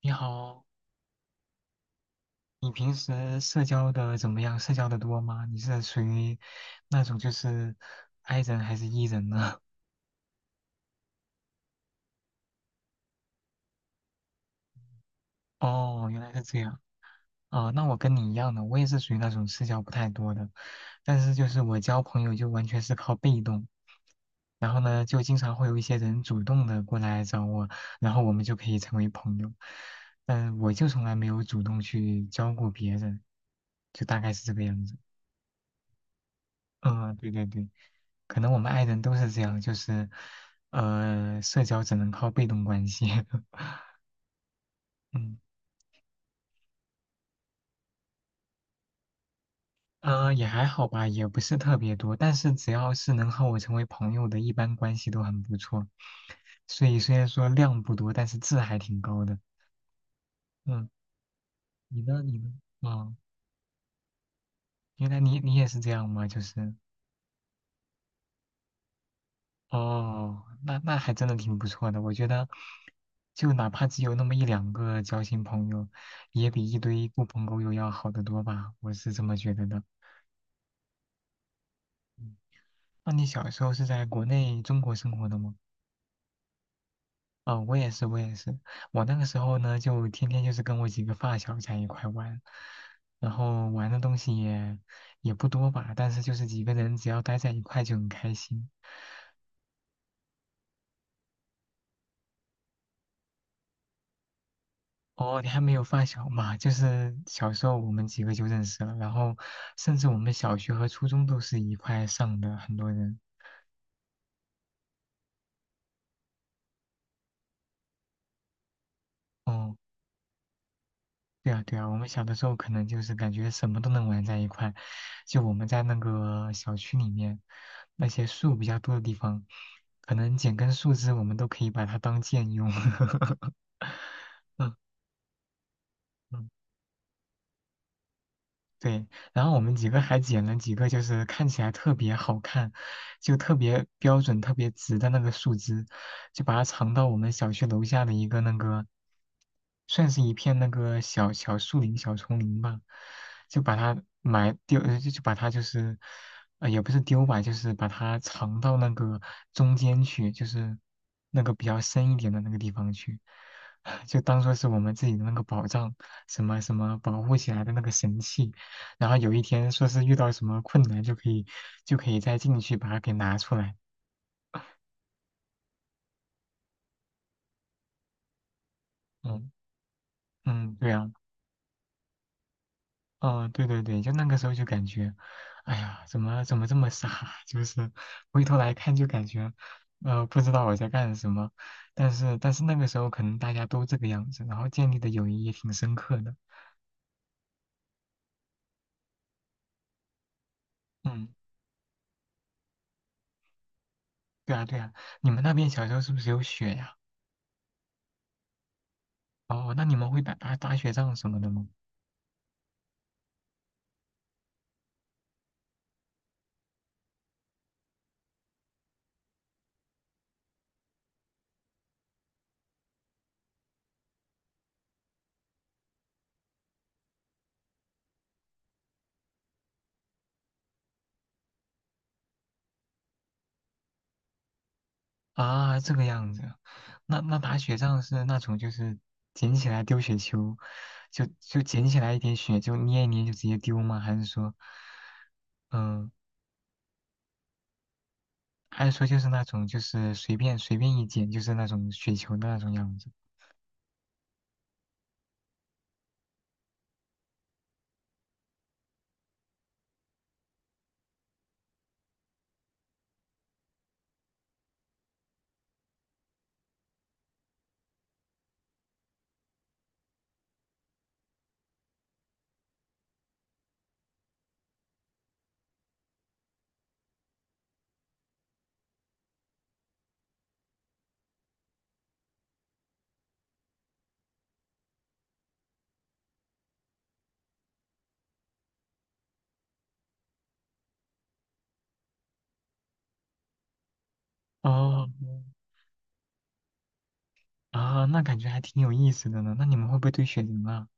你好，你平时社交的怎么样？社交的多吗？你是属于那种就是 I 人还是 E 人呢？哦，原来是这样。哦，那我跟你一样的，我也是属于那种社交不太多的，但是就是我交朋友就完全是靠被动，然后呢，就经常会有一些人主动的过来找我，然后我们就可以成为朋友，嗯，我就从来没有主动去交过别人，就大概是这个样子。嗯，对对对，可能我们爱人都是这样，就是，社交只能靠被动关系。嗯，也还好吧，也不是特别多，但是只要是能和我成为朋友的，一般关系都很不错。所以虽然说量不多，但是质还挺高的。嗯，你呢？你呢？嗯，原来你也是这样吗？就是，哦，那还真的挺不错的。我觉得，就哪怕只有那么一两个交心朋友，也比一堆狐朋狗友要好得多吧。我是这么觉得的。嗯，那你小时候是在国内中国生活的吗？哦，我也是，我也是。我那个时候呢，就天天就是跟我几个发小在一块玩，然后玩的东西也不多吧，但是就是几个人只要待在一块就很开心。哦，你还没有发小嘛？就是小时候我们几个就认识了，然后甚至我们小学和初中都是一块上的，很多人。哦，对啊，对啊，我们小的时候可能就是感觉什么都能玩在一块，就我们在那个小区里面，那些树比较多的地方，可能剪根树枝我们都可以把它当剑用。嗯嗯对，然后我们几个还捡了几个，就是看起来特别好看，就特别标准、特别直的那个树枝，就把它藏到我们小区楼下的一个那个，算是一片那个小小树林、小丛林吧，就把它埋丢，就把它就是，也不是丢吧，就是把它藏到那个中间去，就是那个比较深一点的那个地方去，就当做是我们自己的那个宝藏，什么什么保护起来的那个神器。然后有一天说是遇到什么困难就可以再进去把它给拿出来。嗯嗯，对啊，嗯对对对，就那个时候就感觉，哎呀，怎么这么傻啊？就是回头来看就感觉，不知道我在干什么。但是那个时候可能大家都这个样子，然后建立的友谊也挺深刻的。嗯，对啊对啊，你们那边小时候是不是有雪呀？哦，那你们会打雪仗什么的吗？啊，这个样子，那打雪仗是那种就是捡起来丢雪球，就捡起来一点雪就捏一捏就直接丢吗？还是说，嗯，还是说就是那种就是随便一捡就是那种雪球的那种样子？哦，啊，那感觉还挺有意思的呢。那你们会不会堆雪人啊？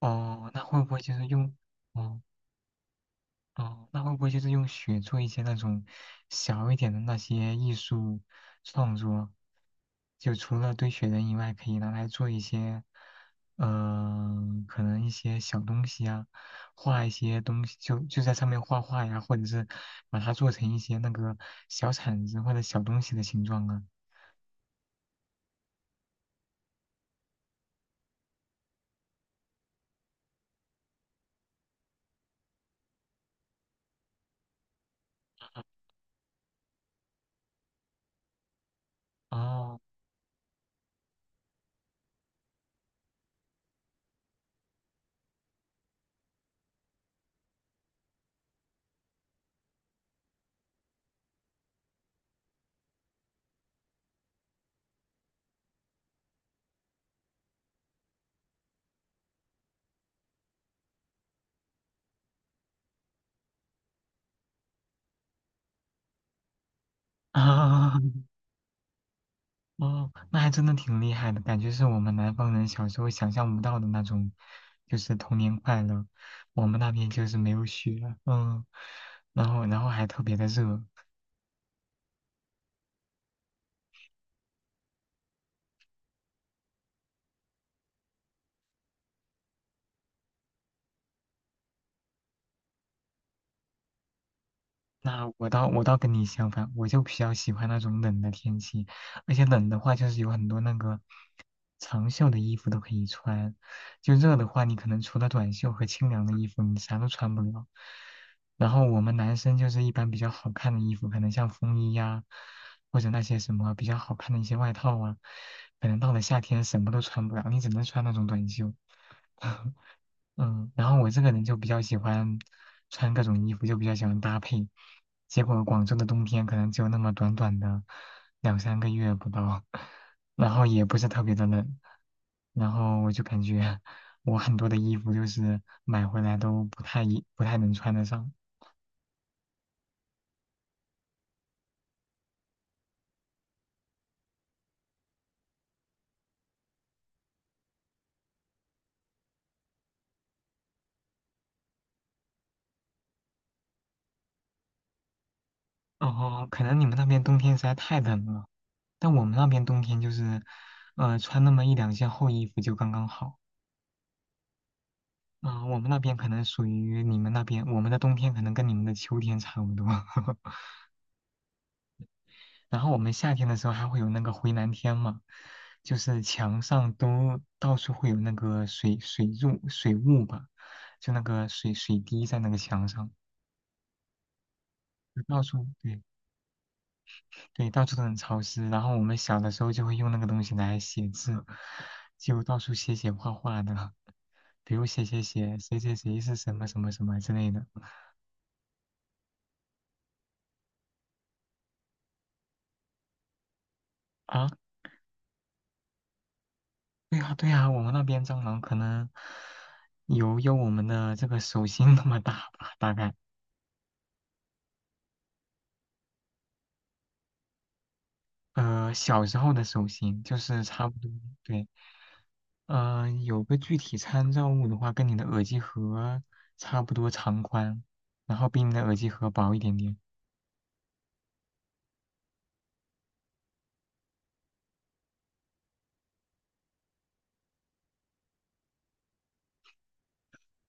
哦，那会不会就是用，哦哦，那会不会就是用雪做一些那种小一点的那些艺术创作？就除了堆雪人以外，可以拿来做一些，嗯、可能一些小东西啊，画一些东西，就在上面画画呀，或者是把它做成一些那个小铲子或者小东西的形状啊。哦，啊，哦，那还真的挺厉害的，感觉是我们南方人小时候想象不到的那种，就是童年快乐。我们那边就是没有雪，嗯，然后还特别的热。那我倒跟你相反，我就比较喜欢那种冷的天气，而且冷的话就是有很多那个长袖的衣服都可以穿，就热的话你可能除了短袖和清凉的衣服你啥都穿不了。然后我们男生就是一般比较好看的衣服，可能像风衣呀、或者那些什么比较好看的一些外套啊，可能到了夏天什么都穿不了，你只能穿那种短袖。嗯，然后我这个人就比较喜欢穿各种衣服，就比较喜欢搭配。结果广州的冬天可能只有那么短短的两三个月不到，然后也不是特别的冷，然后我就感觉我很多的衣服就是买回来都不太能穿得上。哦，可能你们那边冬天实在太冷了，但我们那边冬天就是，穿那么一两件厚衣服就刚刚好。啊、我们那边可能属于你们那边，我们的冬天可能跟你们的秋天差不多。然后我们夏天的时候还会有那个回南天嘛，就是墙上都到处会有那个水柱水雾吧，就那个水滴在那个墙上，就到处对对到处都很潮湿。然后我们小的时候就会用那个东西来写字，就到处写写画画的，比如写写写谁谁谁是什么什么什么之类的啊。对呀，对呀，我们那边蟑螂可能有我们的这个手心那么大吧，大概。小时候的手心就是差不多，对。有个具体参照物的话，跟你的耳机盒差不多长宽，然后比你的耳机盒薄一点点。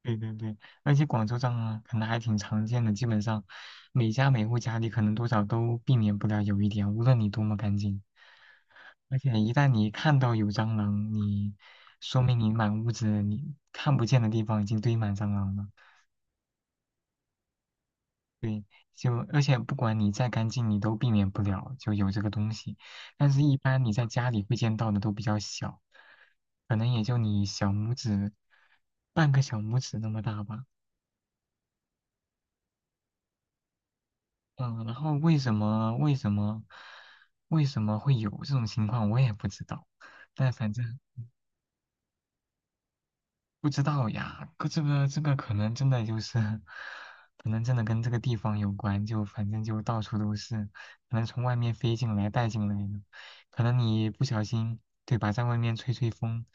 对对对，而且广州蟑螂可能还挺常见的，基本上每家每户家里可能多少都避免不了有一点，无论你多么干净。而且一旦你看到有蟑螂，你说明你满屋子你看不见的地方已经堆满蟑螂了。对，就而且不管你再干净，你都避免不了就有这个东西。但是，一般你在家里会见到的都比较小，可能也就你小拇指半个小拇指那么大吧。嗯，然后为什么会有这种情况，我也不知道。但反正不知道呀，可这个可能真的就是，可能真的跟这个地方有关，就反正就到处都是，可能从外面飞进来带进来的，可能你不小心，对吧，在外面吹吹风，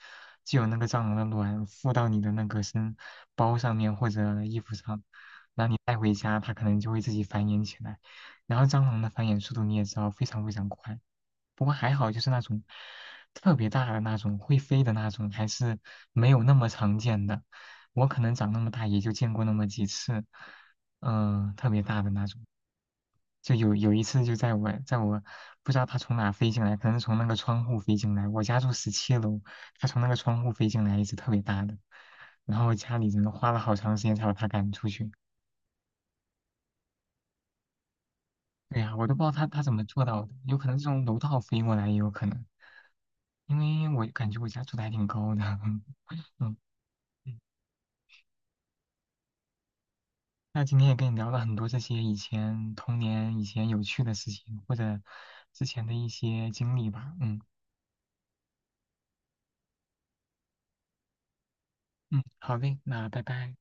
就有那个蟑螂的卵附到你的那个身包上面或者衣服上，然后你带回家，它可能就会自己繁衍起来，然后蟑螂的繁衍速度你也知道非常非常快，不过还好就是那种特别大的那种会飞的那种，还是。没有那么常见的。我可能长那么大也就见过那么几次，嗯、特别大的那种。就有一次就在我不知道它从哪飞进来，可能从那个窗户飞进来。我家住17楼，它从那个窗户飞进来，一只特别大的。然后家里人花了好长时间才把它赶出去。对呀、我都不知道它怎么做到的，有可能是从楼道飞过来也有可能，因为我感觉我家住的还挺高的。嗯那今天也跟你聊了很多这些以前童年、以前有趣的事情，或者之前的一些经历吧。嗯嗯，好嘞，那拜拜。